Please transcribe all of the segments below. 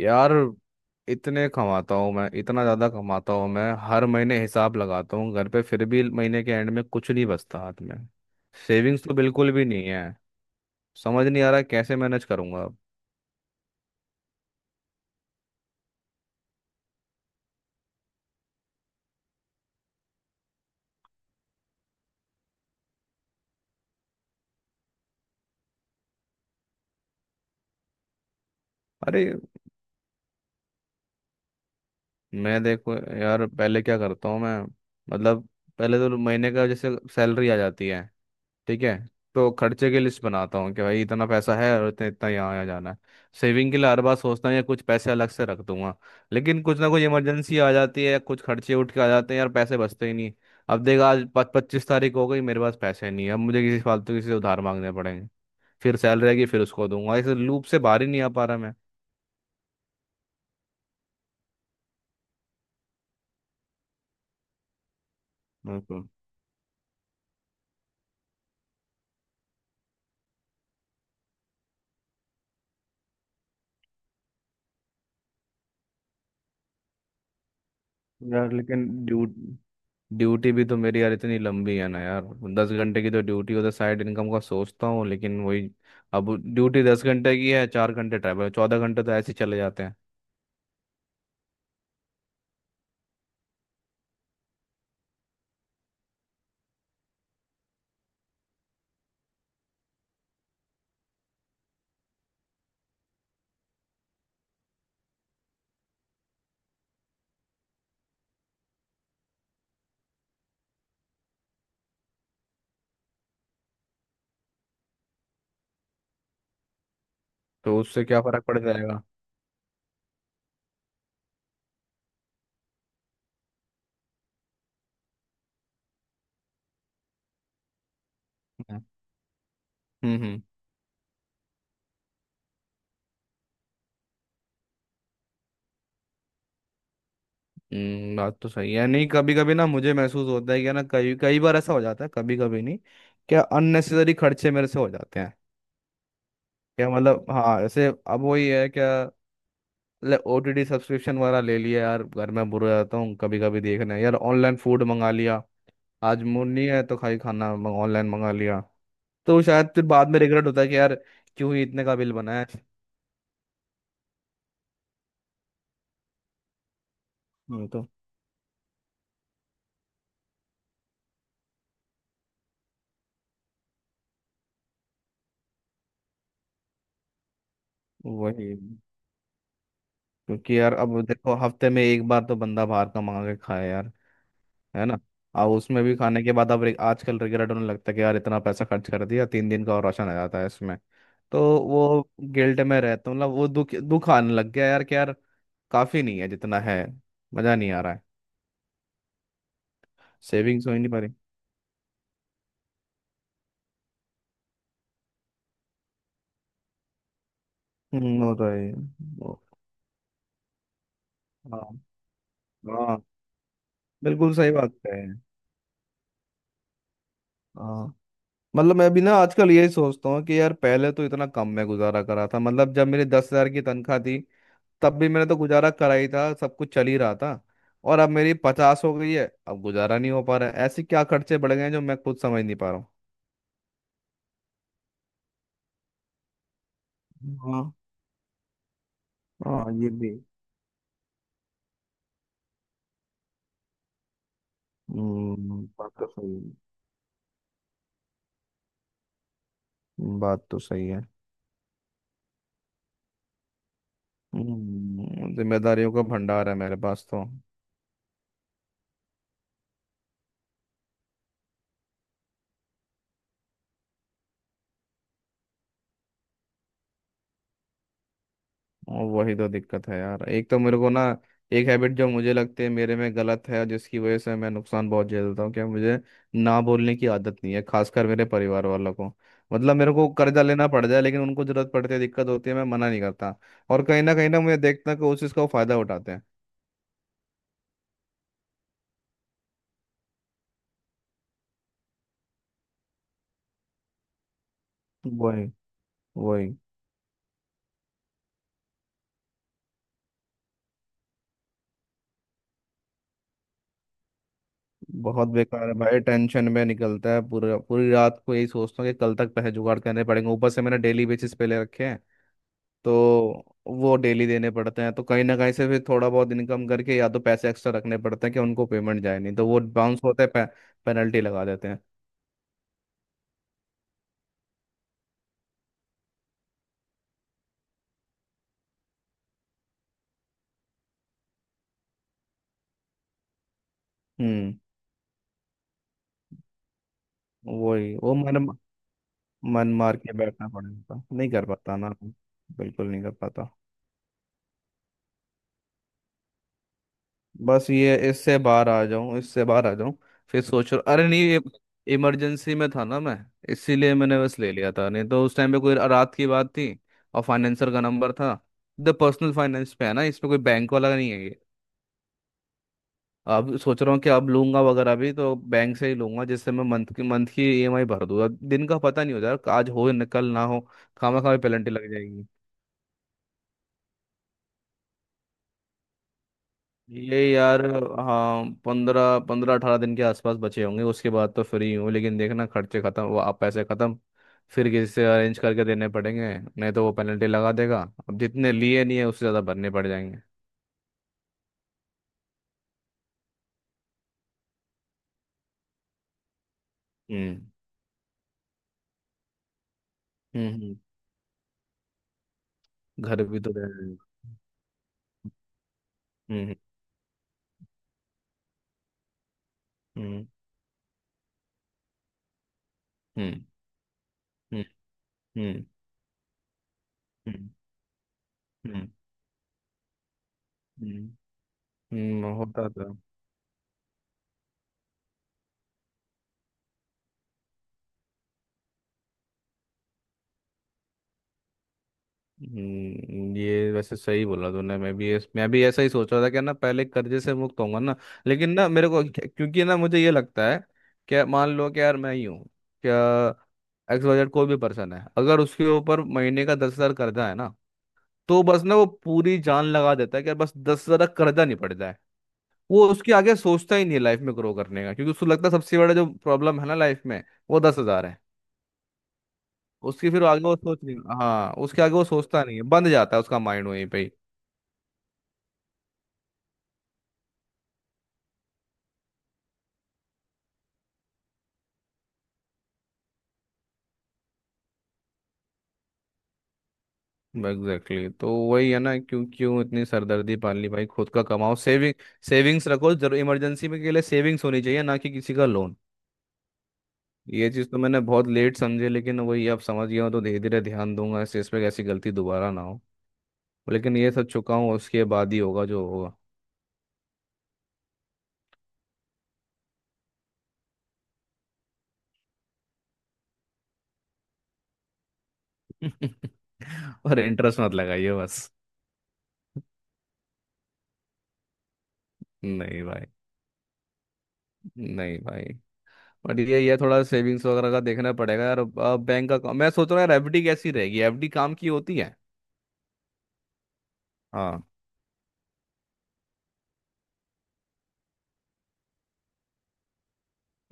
यार, इतने कमाता हूँ मैं, इतना ज़्यादा कमाता हूँ मैं। हर महीने हिसाब लगाता हूँ घर पे, फिर भी महीने के एंड में कुछ नहीं बचता हाथ में। सेविंग्स तो बिल्कुल भी नहीं है। समझ नहीं आ रहा कैसे मैनेज करूंगा अब। अरे, मैं देखो यार, पहले क्या करता हूँ मैं, मतलब, पहले तो महीने का जैसे सैलरी आ जाती है। ठीक है, तो खर्चे की लिस्ट बनाता हूँ कि भाई इतना पैसा है और इतना इतना यहाँ यहाँ जाना है। सेविंग के लिए हर बार सोचता हूँ या कुछ पैसे अलग से रख दूंगा, लेकिन कुछ ना कुछ इमरजेंसी आ जाती है या कुछ खर्चे उठ के आ जाते हैं, यार पैसे बचते ही नहीं। अब देख, आज पच पच्चीस तारीख हो गई, मेरे पास पैसे नहीं है, अब मुझे किसी फालतू किसी से उधार मांगने पड़ेंगे। फिर सैलरी आएगी, फिर उसको दूंगा। इस लूप से बाहर ही नहीं आ पा रहा मैं। बिल्कुल। यार लेकिन ड्यूटी भी तो मेरी यार इतनी लंबी है ना यार। दस घंटे की तो ड्यूटी, होता साइड इनकम का सोचता हूँ लेकिन वही, अब ड्यूटी 10 घंटे की है, 4 घंटे ट्रैवल, 14 घंटे तो ऐसे ही चले जाते हैं। तो उससे क्या फर्क पड़ जाएगा? हम्म। हम्म। बात तो सही है। नहीं, कभी कभी ना मुझे महसूस होता है कि ना, कई कई बार ऐसा हो जाता है, कभी कभी नहीं। क्या अननेसेसरी खर्चे मेरे से हो जाते हैं। क्या मतलब, हाँ, ऐसे अब वही है क्या। OTT सब्सक्रिप्शन वगैरह ले लिया, यार घर में बुरा जाता हूँ कभी कभी देखना, यार ऑनलाइन फूड मंगा लिया। आज मूड नहीं है तो खाई खाना ऑनलाइन मंगा लिया। तो शायद फिर बाद में रिग्रेट होता है कि यार क्यों ही इतने का बिल बनाया। तो वही। क्योंकि यार अब देखो, हफ्ते में एक बार तो बंदा बाहर का मंगा के खाए यार। है ना। अब उसमें भी खाने के बाद अब आजकल रिग्रेट होने लगता है कि यार इतना पैसा खर्च कर दिया, 3 दिन का और राशन आ जाता है इसमें। तो वो गिल्ट में रहता हूँ, मतलब वो दुख दुख आने लग गया यार कि यार, काफी नहीं है जितना है, मजा नहीं आ रहा है। सेविंग्स हो ही नहीं पा रही। वो तो है ही। वो- हाँ। हाँ, बिल्कुल सही बात है। हाँ, मतलब मैं भी ना आजकल यही सोचता हूँ कि यार पहले तो इतना कम में गुजारा करा था, मतलब जब मेरी 10 हजार की तनख्वाह थी, तब भी मैंने तो गुजारा करा ही था, सब कुछ चल ही रहा था। और अब मेरी 50 हो गई है, अब गुजारा नहीं हो पा रहा है, ऐसे क्या खर्चे बढ़ गए हैं जो मैं खुद समझ नहीं पा रहा हूँ। हाँ। हाँ, ये भी। हम्म, बात तो सही है। बात तो सही है। जिम्मेदारियों का भंडार है मेरे पास तो। और वही तो दिक्कत है यार, एक तो मेरे को ना, एक हैबिट जो मुझे लगती है मेरे में गलत है, जिसकी वजह से मैं नुकसान बहुत झेलता हूँ, क्या मुझे ना बोलने की आदत नहीं है, खासकर मेरे परिवार वालों को। मतलब मेरे को कर्जा लेना पड़ जाए लेकिन उनको जरूरत पड़ती है, दिक्कत होती है, मैं मना नहीं करता। और कहीं ना मुझे देखता है कि उस चीज़ का वो फायदा उठाते हैं। वही। वही, बहुत बेकार है भाई, टेंशन में निकलता है, पूरा पूरी रात को यही सोचता हूँ कि कल तक पैसे जुगाड़ करने पड़ेंगे, ऊपर से मैंने डेली बेसिस पे ले रखे हैं। तो वो डेली देने पड़ते हैं, तो कहीं ना कहीं से फिर थोड़ा बहुत इनकम करके या तो पैसे एक्स्ट्रा रखने पड़ते हैं कि उनको पेमेंट जाए, नहीं तो वो बाउंस होते हैं, पेनल्टी लगा देते हैं। हम्म, वही। वो मन मन मार के बैठना पड़ेगा, नहीं कर पाता ना। बिल्कुल नहीं कर पाता। बस ये, इससे बाहर आ जाऊं, इससे बाहर आ जाऊं। फिर सोच रहा, अरे नहीं, ये इमरजेंसी में था ना मैं, इसीलिए मैंने बस ले लिया था, नहीं तो उस टाइम पे कोई रात की बात थी, और फाइनेंसर का नंबर था। द पर्सनल फाइनेंस पे है ना, इसमें कोई बैंक वाला नहीं है। अब सोच रहा हूँ कि अब लूंगा वगैरह भी तो बैंक से ही लूंगा, जिससे मैं मंथ की EMI भर दूंगा, दिन का पता नहीं होता यार, आज हो या कल ना हो, खामा खामा पेनल्टी लग जाएगी। ये यार, हाँ, पंद्रह पंद्रह अठारह दिन के आसपास बचे होंगे, उसके बाद तो फ्री हूँ। लेकिन देखना खर्चे खत्म, वो आप पैसे खत्म, फिर किसी से अरेंज करके देने पड़ेंगे, नहीं तो वो पेनल्टी लगा देगा। अब जितने लिए नहीं है उससे ज़्यादा भरने पड़ जाएंगे। हम्म। हम्म, घर भी तो रह। हम्म। हम्म। हम्म। हम्म, हम्म, हम्म। हम्म, हम्म। होता था। ये वैसे सही बोला तूने। मैं भी ऐसा ही सोच रहा था कि ना पहले कर्जे से मुक्त होऊंगा ना। लेकिन ना मेरे को, क्योंकि ना मुझे ये लगता है क्या, मान लो कि यार मैं ही हूँ क्या, XYZ कोई भी पर्सन है, अगर उसके ऊपर महीने का 10 हजार कर्जा है ना, तो बस ना वो पूरी जान लगा देता है कि यार बस 10 हजार कर्जा नहीं पड़ जाए। वो उसके आगे सोचता ही नहीं है लाइफ में ग्रो करने का, क्योंकि उसको लगता है सबसे बड़ा जो प्रॉब्लम है ना लाइफ में, वो 10 हजार है। उसकी फिर आगे वो सोच नहीं, हाँ उसके आगे वो सोचता नहीं है, बंद जाता है उसका माइंड वहीं पे ही। Exactly, exactly। तो वही है ना, क्यों क्यों इतनी सरदर्दी पाल ली। भाई खुद का कमाओ, सेविंग सेविंग्स रखो जरूर, इमरजेंसी में के लिए सेविंग्स होनी चाहिए, ना कि किसी का लोन। ये चीज़ तो मैंने बहुत लेट समझी, लेकिन वही अब समझ गया हूँ, तो धीरे धीरे ध्यान दूंगा इस पे, ऐसी गलती दोबारा ना हो। लेकिन ये सब चुका हूँ उसके बाद ही होगा जो होगा। और इंटरेस्ट मत लगाइए बस। नहीं भाई, नहीं भाई। बट ये थोड़ा सेविंग्स वगैरह का देखना पड़ेगा यार। बैंक का मैं सोच रहा हूँ यार, FD कैसी रहेगी, FD काम की होती है। हाँ।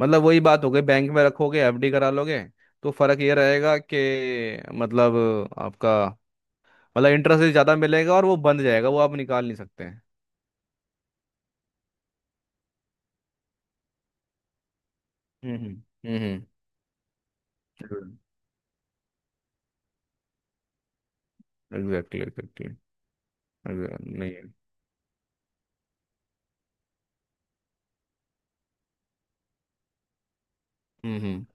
मतलब वही बात हो गई, बैंक में रखोगे FD करा लोगे, तो फर्क ये रहेगा कि, मतलब आपका, मतलब इंटरेस्ट ज्यादा मिलेगा और वो बंद जाएगा, वो आप निकाल नहीं सकते हैं। हम्म। हम्म, एग्जैक्टली एग्जैक्टली। नहीं है। हम्म। हम्म।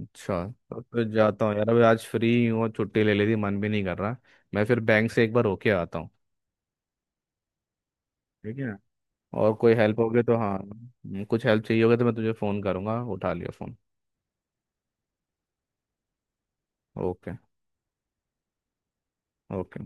अच्छा, तो फिर जाता हूँ यार, अभी आज फ्री हूँ और छुट्टी ले ली थी, मन भी नहीं कर रहा। मैं फिर बैंक से एक बार होके आता हूँ। ठीक है। और कोई हेल्प होगी तो, हाँ कुछ हेल्प चाहिए होगी तो मैं तुझे फ़ोन करूँगा, उठा लियो फ़ोन। ओके। ओके।